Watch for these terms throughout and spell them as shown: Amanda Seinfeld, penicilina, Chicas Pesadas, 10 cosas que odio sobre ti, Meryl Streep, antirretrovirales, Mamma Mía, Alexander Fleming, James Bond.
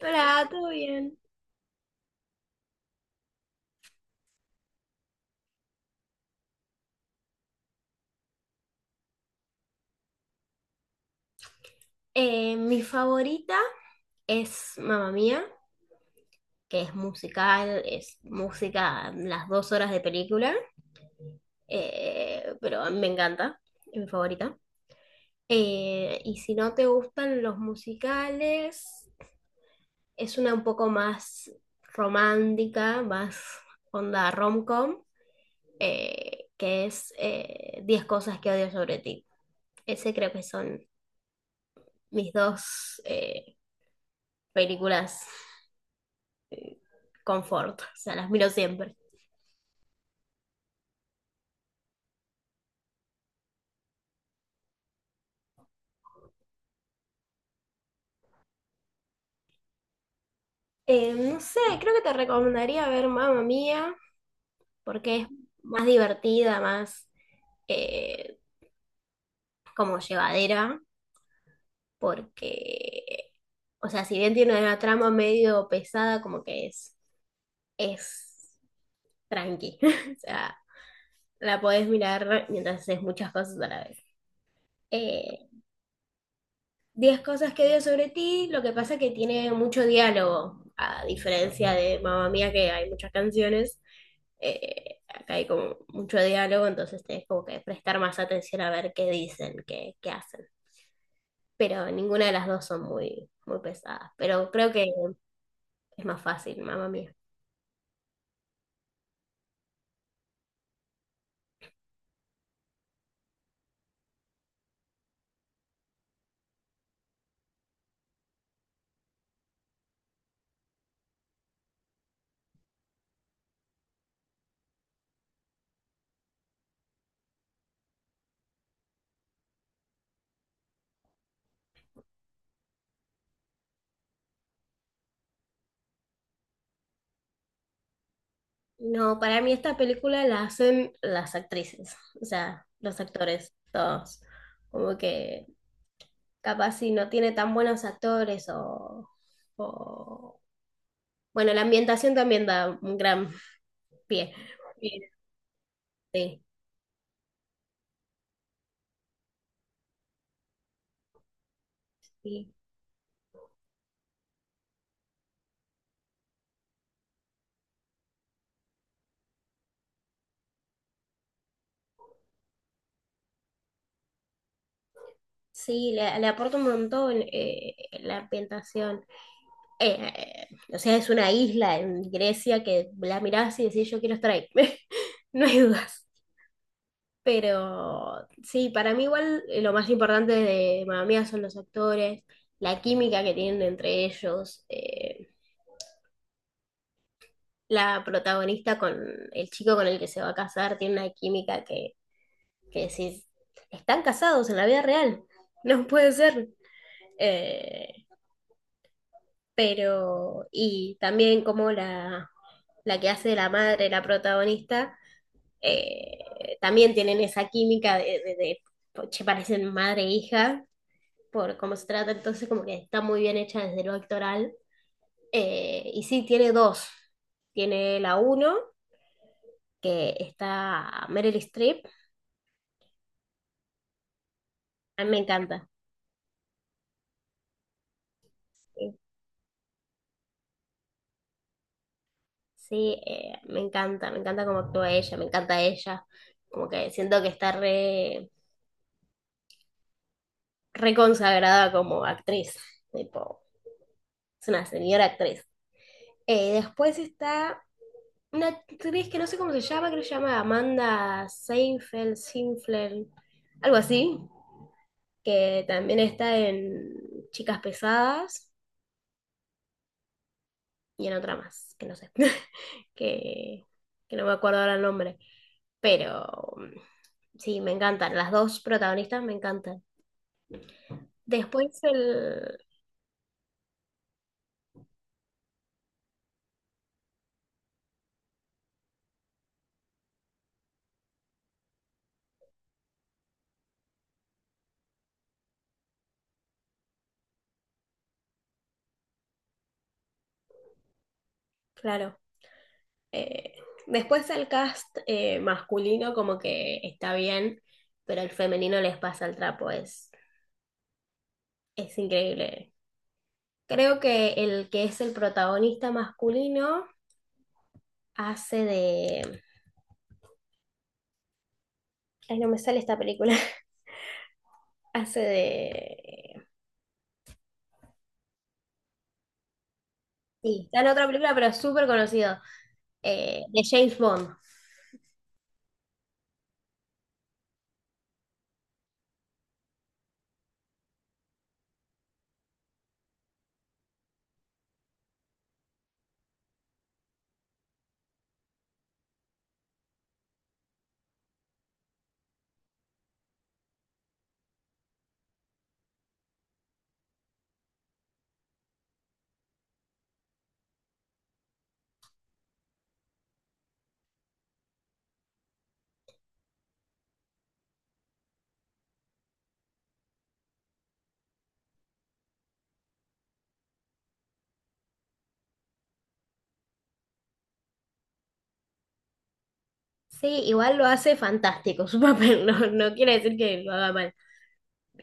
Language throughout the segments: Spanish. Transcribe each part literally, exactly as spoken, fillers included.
Hola, ¿todo bien? Eh, mi favorita es Mamma Mía, que es musical, es música las dos horas de película, eh, pero a mí me encanta, es mi favorita. Eh, y si no te gustan los musicales, es una un poco más romántica, más onda rom-com, eh, que es eh, diez cosas que odio sobre ti. Ese creo que son mis dos eh, películas confort, o sea, las miro siempre. Eh, no sé, creo que te recomendaría ver Mamma Mía, porque es más divertida, más eh, como llevadera, porque, o sea, si bien tiene una trama medio pesada, como que es, es tranqui, o sea, la podés mirar mientras haces muchas cosas a la vez. Eh, Diez cosas que odio sobre ti, lo que pasa es que tiene mucho diálogo, a diferencia de Mamma Mía, que hay muchas canciones. eh, acá hay como mucho diálogo, entonces tenés como que prestar más atención a ver qué dicen, qué, qué hacen. Pero ninguna de las dos son muy, muy pesadas. Pero creo que es más fácil, mamá mía. No, para mí esta película la hacen las actrices, o sea, los actores, todos. Como que capaz si no tiene tan buenos actores o... o- bueno, la ambientación también da un gran pie. Sí, sí. Sí, le, le aporta un montón eh, la ambientación. Eh, eh, o sea, es una isla en Grecia que la mirás y decís, yo quiero estar ahí. No hay dudas. Pero sí, para mí igual eh, lo más importante de Mamma Mía son los actores, la química que tienen entre ellos, eh, la protagonista con el chico con el que se va a casar tiene una química que, que decís, están casados en la vida real, no puede ser. Eh, pero y también como la, la que hace la madre, la protagonista, eh, también tienen esa química de, de, de, po- che, parecen madre e hija por cómo se trata, entonces como que está muy bien hecha desde lo actoral. Eh, y sí, tiene dos, tiene la uno, que está Meryl Streep, a mí me encanta. Eh, Sí, eh, me encanta, me encanta cómo actúa ella, me encanta ella, como que siento que está re reconsagrada como actriz, tipo, es una señora actriz. Eh, después está una actriz que no sé cómo se llama, creo que se llama Amanda Seinfeld, Sinfeld, algo así, que también está en Chicas Pesadas y en otra más, que no sé, que, que no me acuerdo ahora el nombre, pero mm, sí, me encantan, las dos protagonistas me encantan. Después el, claro. Eh, después el cast eh, masculino como que está bien, pero el femenino les pasa el trapo, es, es increíble. Creo que el que es el protagonista masculino hace de... Ay, no me sale esta película. Hace de... Sí, está en otra película, pero es súper conocido. eh, de James Bond. Sí, igual lo hace fantástico su papel, no, no quiere decir que lo haga mal.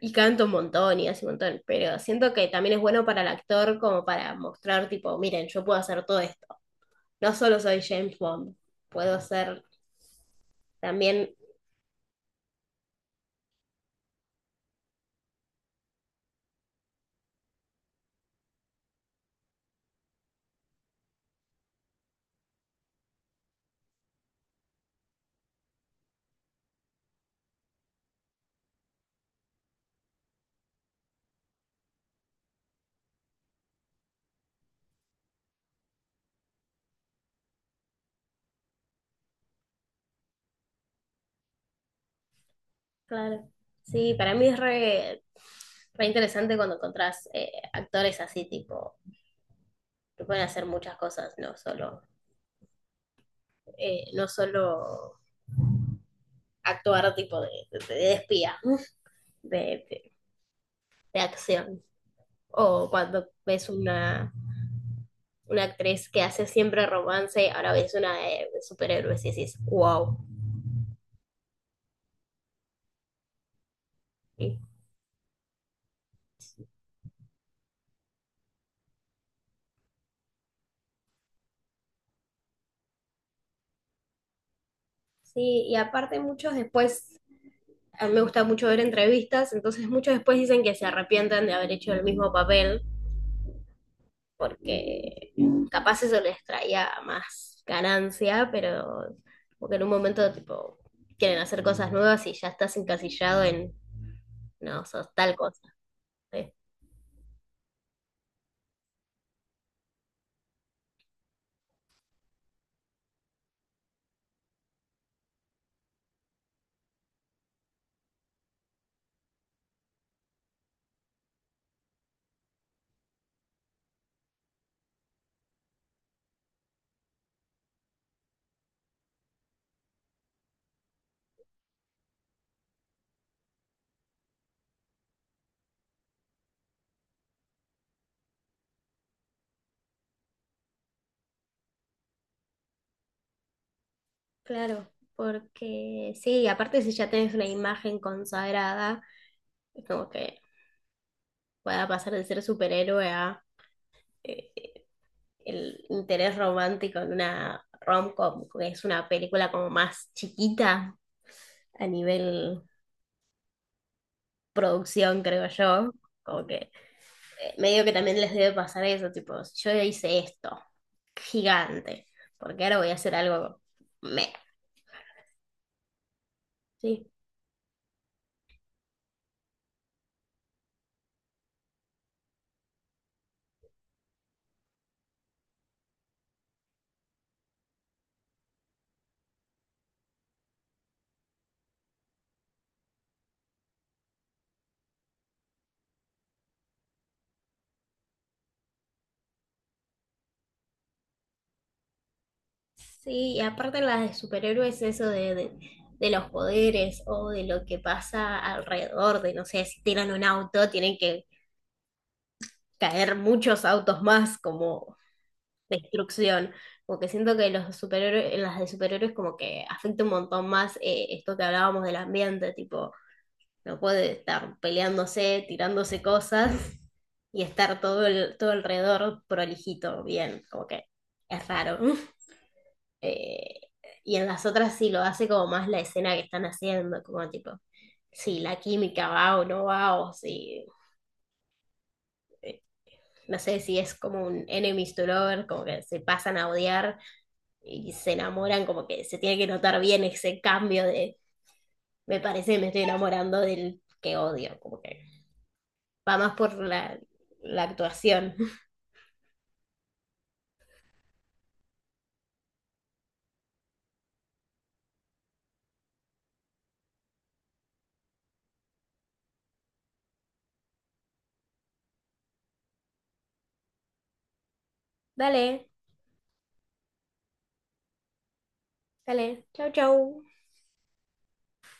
Y canto un montón y hace un montón, pero siento que también es bueno para el actor como para mostrar, tipo, miren, yo puedo hacer todo esto. No solo soy James Bond, puedo ser también... Claro. Sí, para mí es re, re interesante cuando encontrás eh, actores así, tipo, que pueden hacer muchas cosas, no solo, eh, no solo actuar tipo de, de- de espía, de, de- de acción. O cuando ves una, una actriz que hace siempre romance, ahora ves una de superhéroes y decís, wow. Sí, y aparte muchos después, a mí me gusta mucho ver entrevistas, entonces muchos después dicen que se arrepienten de haber hecho el mismo papel, porque capaz eso les traía más ganancia, pero porque en un momento tipo quieren hacer cosas nuevas y ya estás encasillado en, no, sos tal cosa. ¿Sí? Claro, porque sí, aparte si ya tenés una imagen consagrada, es como que pueda pasar de ser superhéroe a eh, el interés romántico en una rom-com, que es una película como más chiquita a nivel producción, creo yo. Como que eh, medio que también les debe pasar eso, tipo, yo hice esto, gigante, porque ahora voy a hacer algo meh, ¿Sí? Sí, y aparte las de superhéroes, eso de, de, de los poderes o de lo que pasa alrededor, de no sé, si tiran un auto, tienen que caer muchos autos más como destrucción. Como que siento que los superhéroes, en las de superhéroes como que afecta un montón más eh, esto que hablábamos del ambiente, tipo, no puede estar peleándose, tirándose cosas y estar todo, el, todo alrededor prolijito, bien, como que es raro. Eh, y en las otras sí lo hace como más la escena que están haciendo, como tipo, si la química va o no va, o si no sé si es como un enemies to lover, como que se pasan a odiar y se enamoran, como que se tiene que notar bien ese cambio de me parece que me estoy enamorando del que odio, como que va más por la, la actuación. Dale, dale, chau chau.